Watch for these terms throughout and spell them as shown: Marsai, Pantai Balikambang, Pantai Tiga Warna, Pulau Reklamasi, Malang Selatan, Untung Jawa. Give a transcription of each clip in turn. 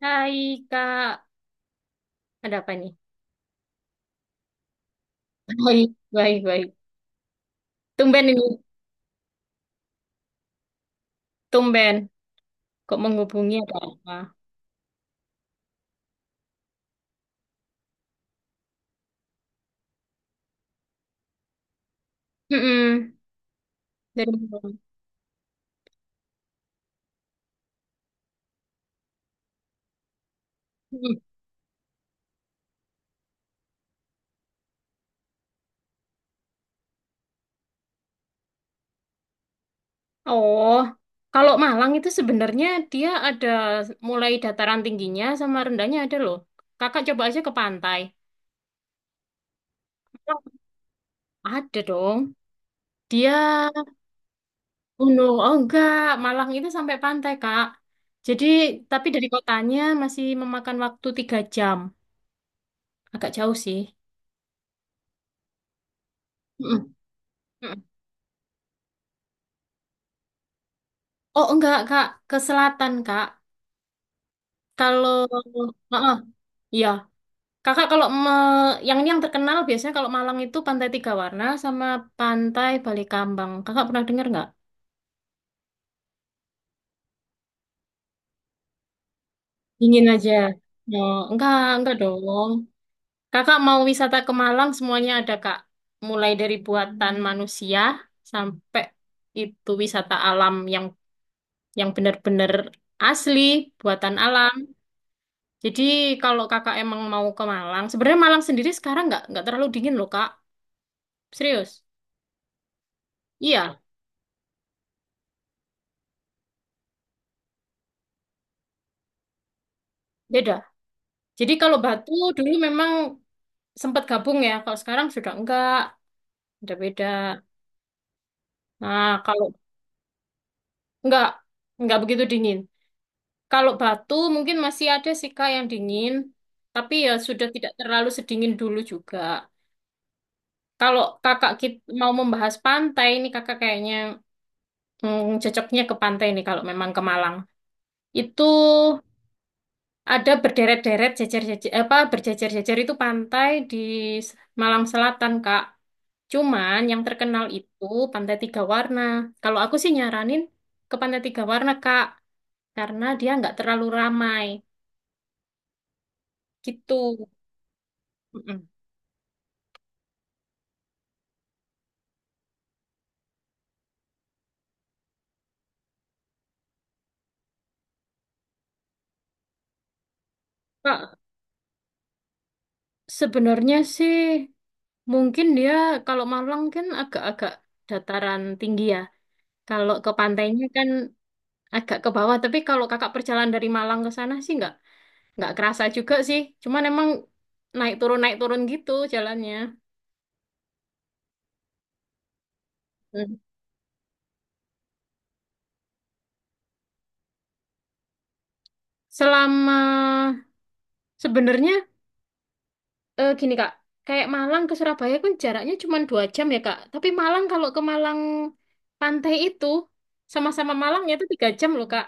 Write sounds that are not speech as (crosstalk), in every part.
Hai Kak, ada apa nih? Baik, baik, baik. Tumben ini, tumben. Kok menghubungi ada apa? Mm-mm. Dari Malang. Mm-mm. Oh, kalau Malang itu sebenarnya dia ada mulai dataran tingginya sama rendahnya ada loh. Kakak coba aja ke pantai. Malang ada dong. Dia gunung. Oh enggak, Malang itu sampai pantai, Kak. Jadi, tapi dari kotanya masih memakan waktu 3 jam. Agak jauh sih. Mm-mm. Oh enggak, Kak, ke selatan, Kak. Kalau Heeh, iya. Kakak yang ini yang terkenal biasanya kalau Malang itu Pantai Tiga Warna sama Pantai Balikambang. Kakak pernah dengar nggak? Dingin aja. No, enggak dong. Kakak mau wisata ke Malang semuanya ada, Kak. Mulai dari buatan manusia sampai itu wisata alam yang benar-benar asli buatan alam. Jadi kalau kakak emang mau ke Malang, sebenarnya Malang sendiri sekarang nggak terlalu dingin loh, Kak, serius. Iya, beda. Jadi kalau Batu dulu memang sempat gabung ya, kalau sekarang sudah enggak, udah beda. Nah kalau enggak enggak begitu dingin. Kalau Batu mungkin masih ada sih, Kak, yang dingin, tapi ya sudah tidak terlalu sedingin dulu juga. Kalau kakak mau membahas pantai, ini kakak kayaknya cocoknya ke pantai nih kalau memang ke Malang. Itu ada berderet-deret, jejer-jejer, apa berjejer-jejer itu pantai di S- Malang Selatan, Kak. Cuman yang terkenal itu Pantai Tiga Warna. Kalau aku sih nyaranin ke Pantai Tiga Warna, Kak, karena dia nggak terlalu ramai. Gitu. Mm-mm. Kak, sebenarnya sih mungkin dia kalau Malang kan agak-agak dataran tinggi ya. Kalau ke pantainya kan agak ke bawah, tapi kalau kakak perjalanan dari Malang ke sana sih nggak kerasa juga sih. Cuman emang naik turun gitu jalannya. Hmm. Selama sebenarnya, eh, gini, Kak, kayak Malang ke Surabaya kan jaraknya cuma 2 jam ya, Kak. Tapi Malang kalau ke Malang pantai itu sama-sama Malangnya itu 3 jam loh, Kak.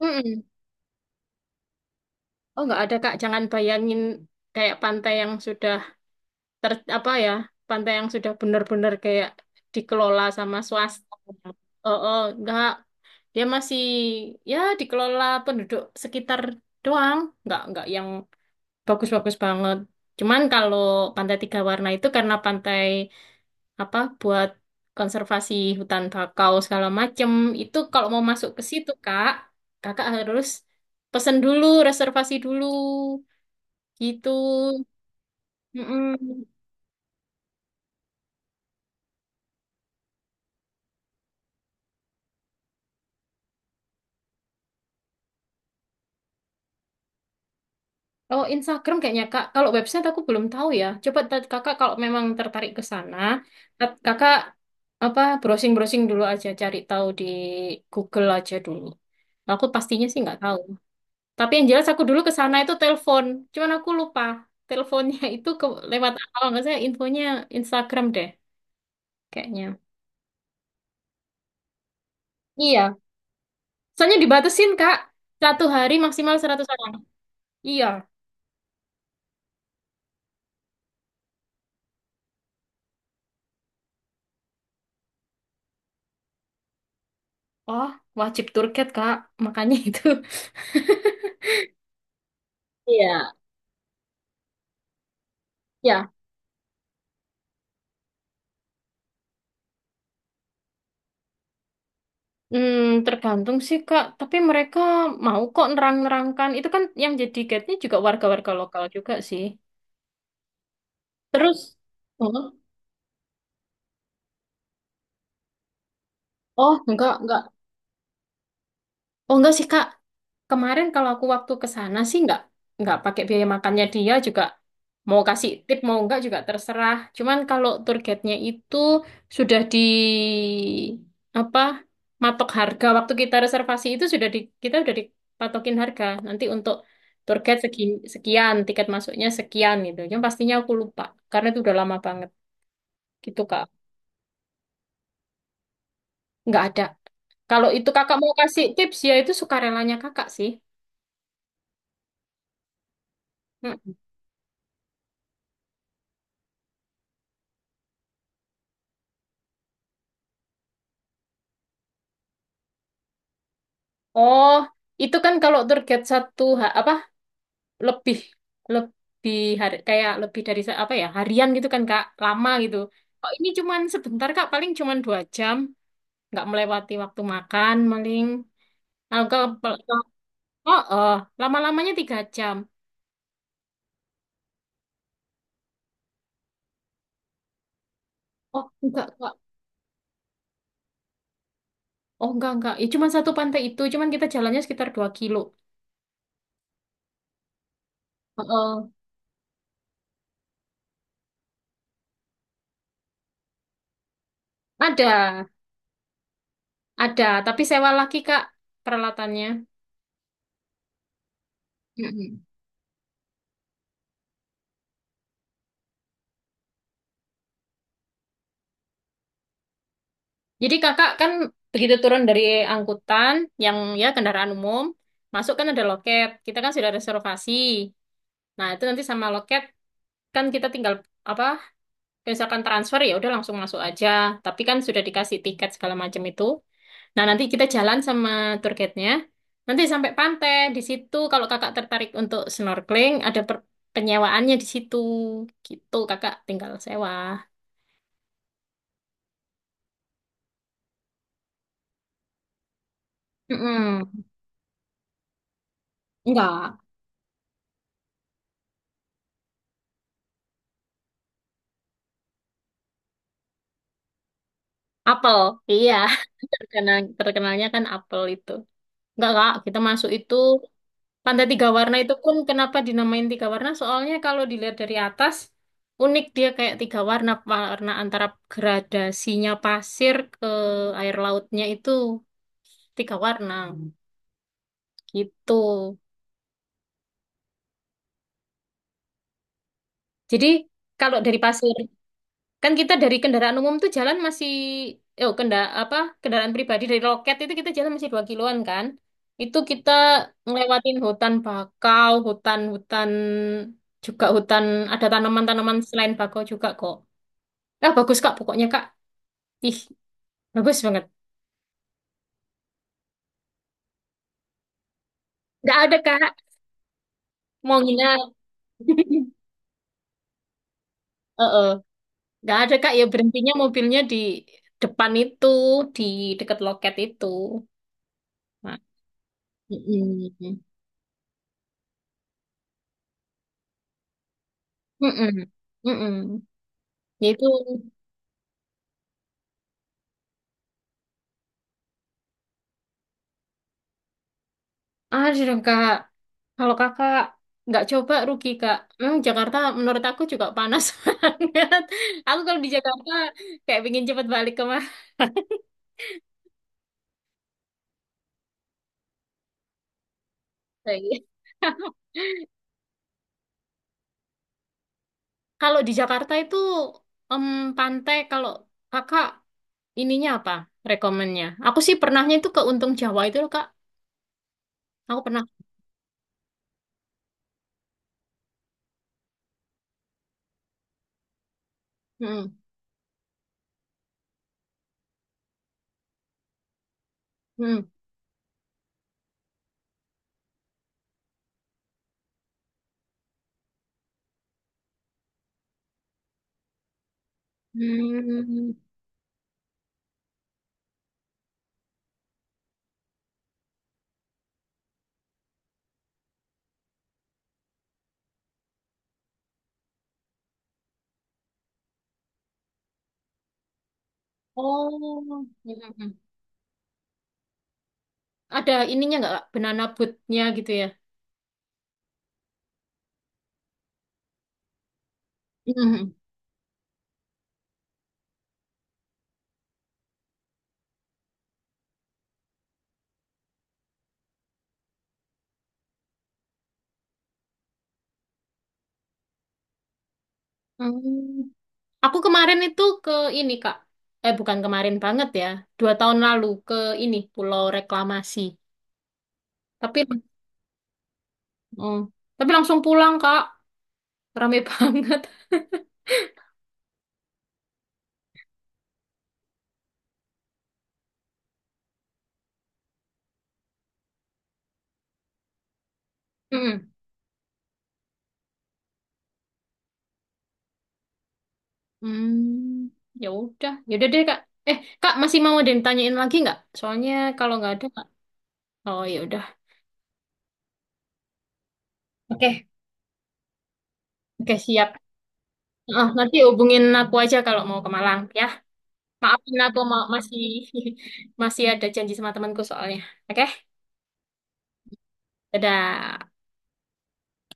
Mm-mm. Oh nggak ada, Kak, jangan bayangin kayak pantai yang sudah apa ya, pantai yang sudah benar-benar kayak dikelola sama swasta. Oh, oh, nggak. Dia masih ya dikelola penduduk sekitar doang, nggak yang bagus-bagus banget. Cuman kalau Pantai Tiga Warna itu karena pantai apa buat konservasi hutan bakau segala macem, itu kalau mau masuk ke situ, Kak, kakak harus pesen dulu, reservasi dulu, gitu. Mm-mm. Oh, Instagram kayaknya, Kak. Kalau website aku belum tahu ya. Coba, Kakak kalau memang tertarik ke sana, Kakak apa browsing-browsing dulu aja, cari tahu di Google aja dulu. Aku pastinya sih nggak tahu. Tapi yang jelas aku dulu ke sana itu telepon. Cuman aku lupa teleponnya (laughs) itu ke, lewat kalau nggak saya infonya Instagram deh kayaknya. Iya. Soalnya dibatasin, Kak. Satu hari maksimal 100 orang. Iya. Oh, wajib target, Kak. Makanya itu. (laughs) Iya. Iya. Hmm, Tergantung sih, Kak, tapi mereka mau kok nerang-nerangkan. Itu kan yang jadi guide-nya juga warga-warga lokal juga sih. Terus, oh, oh enggak, enggak. Oh enggak sih, Kak. Kemarin kalau aku waktu ke sana sih nggak pakai biaya makannya, dia juga mau kasih tip mau nggak juga terserah. Cuman kalau tour guide-nya itu sudah di apa, matok harga waktu kita reservasi, itu sudah di, kita sudah dipatokin harga. Nanti untuk tour guide sekian, tiket masuknya sekian, gitu. Yang pastinya aku lupa karena itu udah lama banget gitu, Kak. Nggak ada. Kalau itu kakak mau kasih tips ya itu sukarelanya kakak sih. Oh, itu kan kalau target satu apa, lebih lebih hari, kayak lebih dari apa ya, harian gitu kan, Kak, lama gitu. Oh ini cuman sebentar, Kak, paling cuman 2 jam, nggak melewati waktu makan, paling. Nah, oh, oh, lama-lamanya 3 jam. Oh enggak, Kak, oh enggak, enggak. Ya cuman satu pantai itu, cuman kita jalannya sekitar 2 kilo. Oh, oh. Ada, ada, tapi sewa lagi, Kak, peralatannya. Mm-mm. Jadi kakak kan begitu turun dari angkutan, yang ya kendaraan umum, masuk kan ada loket. Kita kan sudah reservasi. Nah, itu nanti sama loket kan kita tinggal apa? Misalkan transfer ya udah langsung masuk aja. Tapi kan sudah dikasih tiket segala macam itu. Nah, nanti kita jalan sama tour guide-nya. Nanti sampai pantai di situ kalau kakak tertarik untuk snorkeling ada penyewaannya di situ. Gitu kakak tinggal sewa. Mm-mm. Enggak. Apel, iya. (laughs) Terkenal, terkenalnya kan apel itu. Enggak, Kak, kita masuk itu pantai tiga warna itu pun kenapa dinamain tiga warna? Soalnya kalau dilihat dari atas, unik dia kayak tiga warna, warna antara gradasinya pasir ke air lautnya itu tiga warna. Gitu. Jadi kalau dari pasir, kan kita dari kendaraan umum tuh jalan masih, oh kendaraan pribadi dari loket itu kita jalan masih 2 kiloan, kan. Itu kita ngelewatin hutan bakau, hutan-hutan juga hutan, ada tanaman-tanaman selain bakau juga kok. Ah bagus, Kak, pokoknya, Kak. Ih, bagus banget. Nggak ada, Kak, mau nginap. (laughs) Heeh. Nggak ada, Kak, ya berhentinya mobilnya di depan itu, di dekat loket itu. Nah, mm-mm. Mm-mm. Mm-mm. Yaitu Aduh dong, Kak, kalau kakak nggak coba rugi, Kak. Memang Jakarta menurut aku juga panas (laughs) banget. Aku kalau di Jakarta kayak pingin cepet balik ke Marsai. (laughs) Kalau di Jakarta itu em, pantai, kalau kakak ininya apa rekomennya? Aku sih pernahnya itu ke Untung Jawa itu loh, Kak. Aku pernah. Mm-mm. Mm. Mm. Oh. Mm-mm. Ada ininya nggak, Kak? Banana boatnya gitu ya? Mm. Aku kemarin itu ke ini, Kak. Eh, bukan kemarin banget ya. 2 tahun lalu ke ini, Pulau Reklamasi. Tapi, oh, tapi langsung pulang, Kak. Rame (laughs) banget. Mm. Hmm, Ya udah, ya udah deh, Kak. Eh, Kak masih mau ada yang ditanyain lagi nggak? Soalnya kalau nggak ada, Kak. Oh, ya udah. Oke, oke, siap. Ah, nanti hubungin aku aja kalau mau ke Malang, ya. Maafin aku masih (laughs) masih ada janji sama temanku soalnya. Oke, dadah.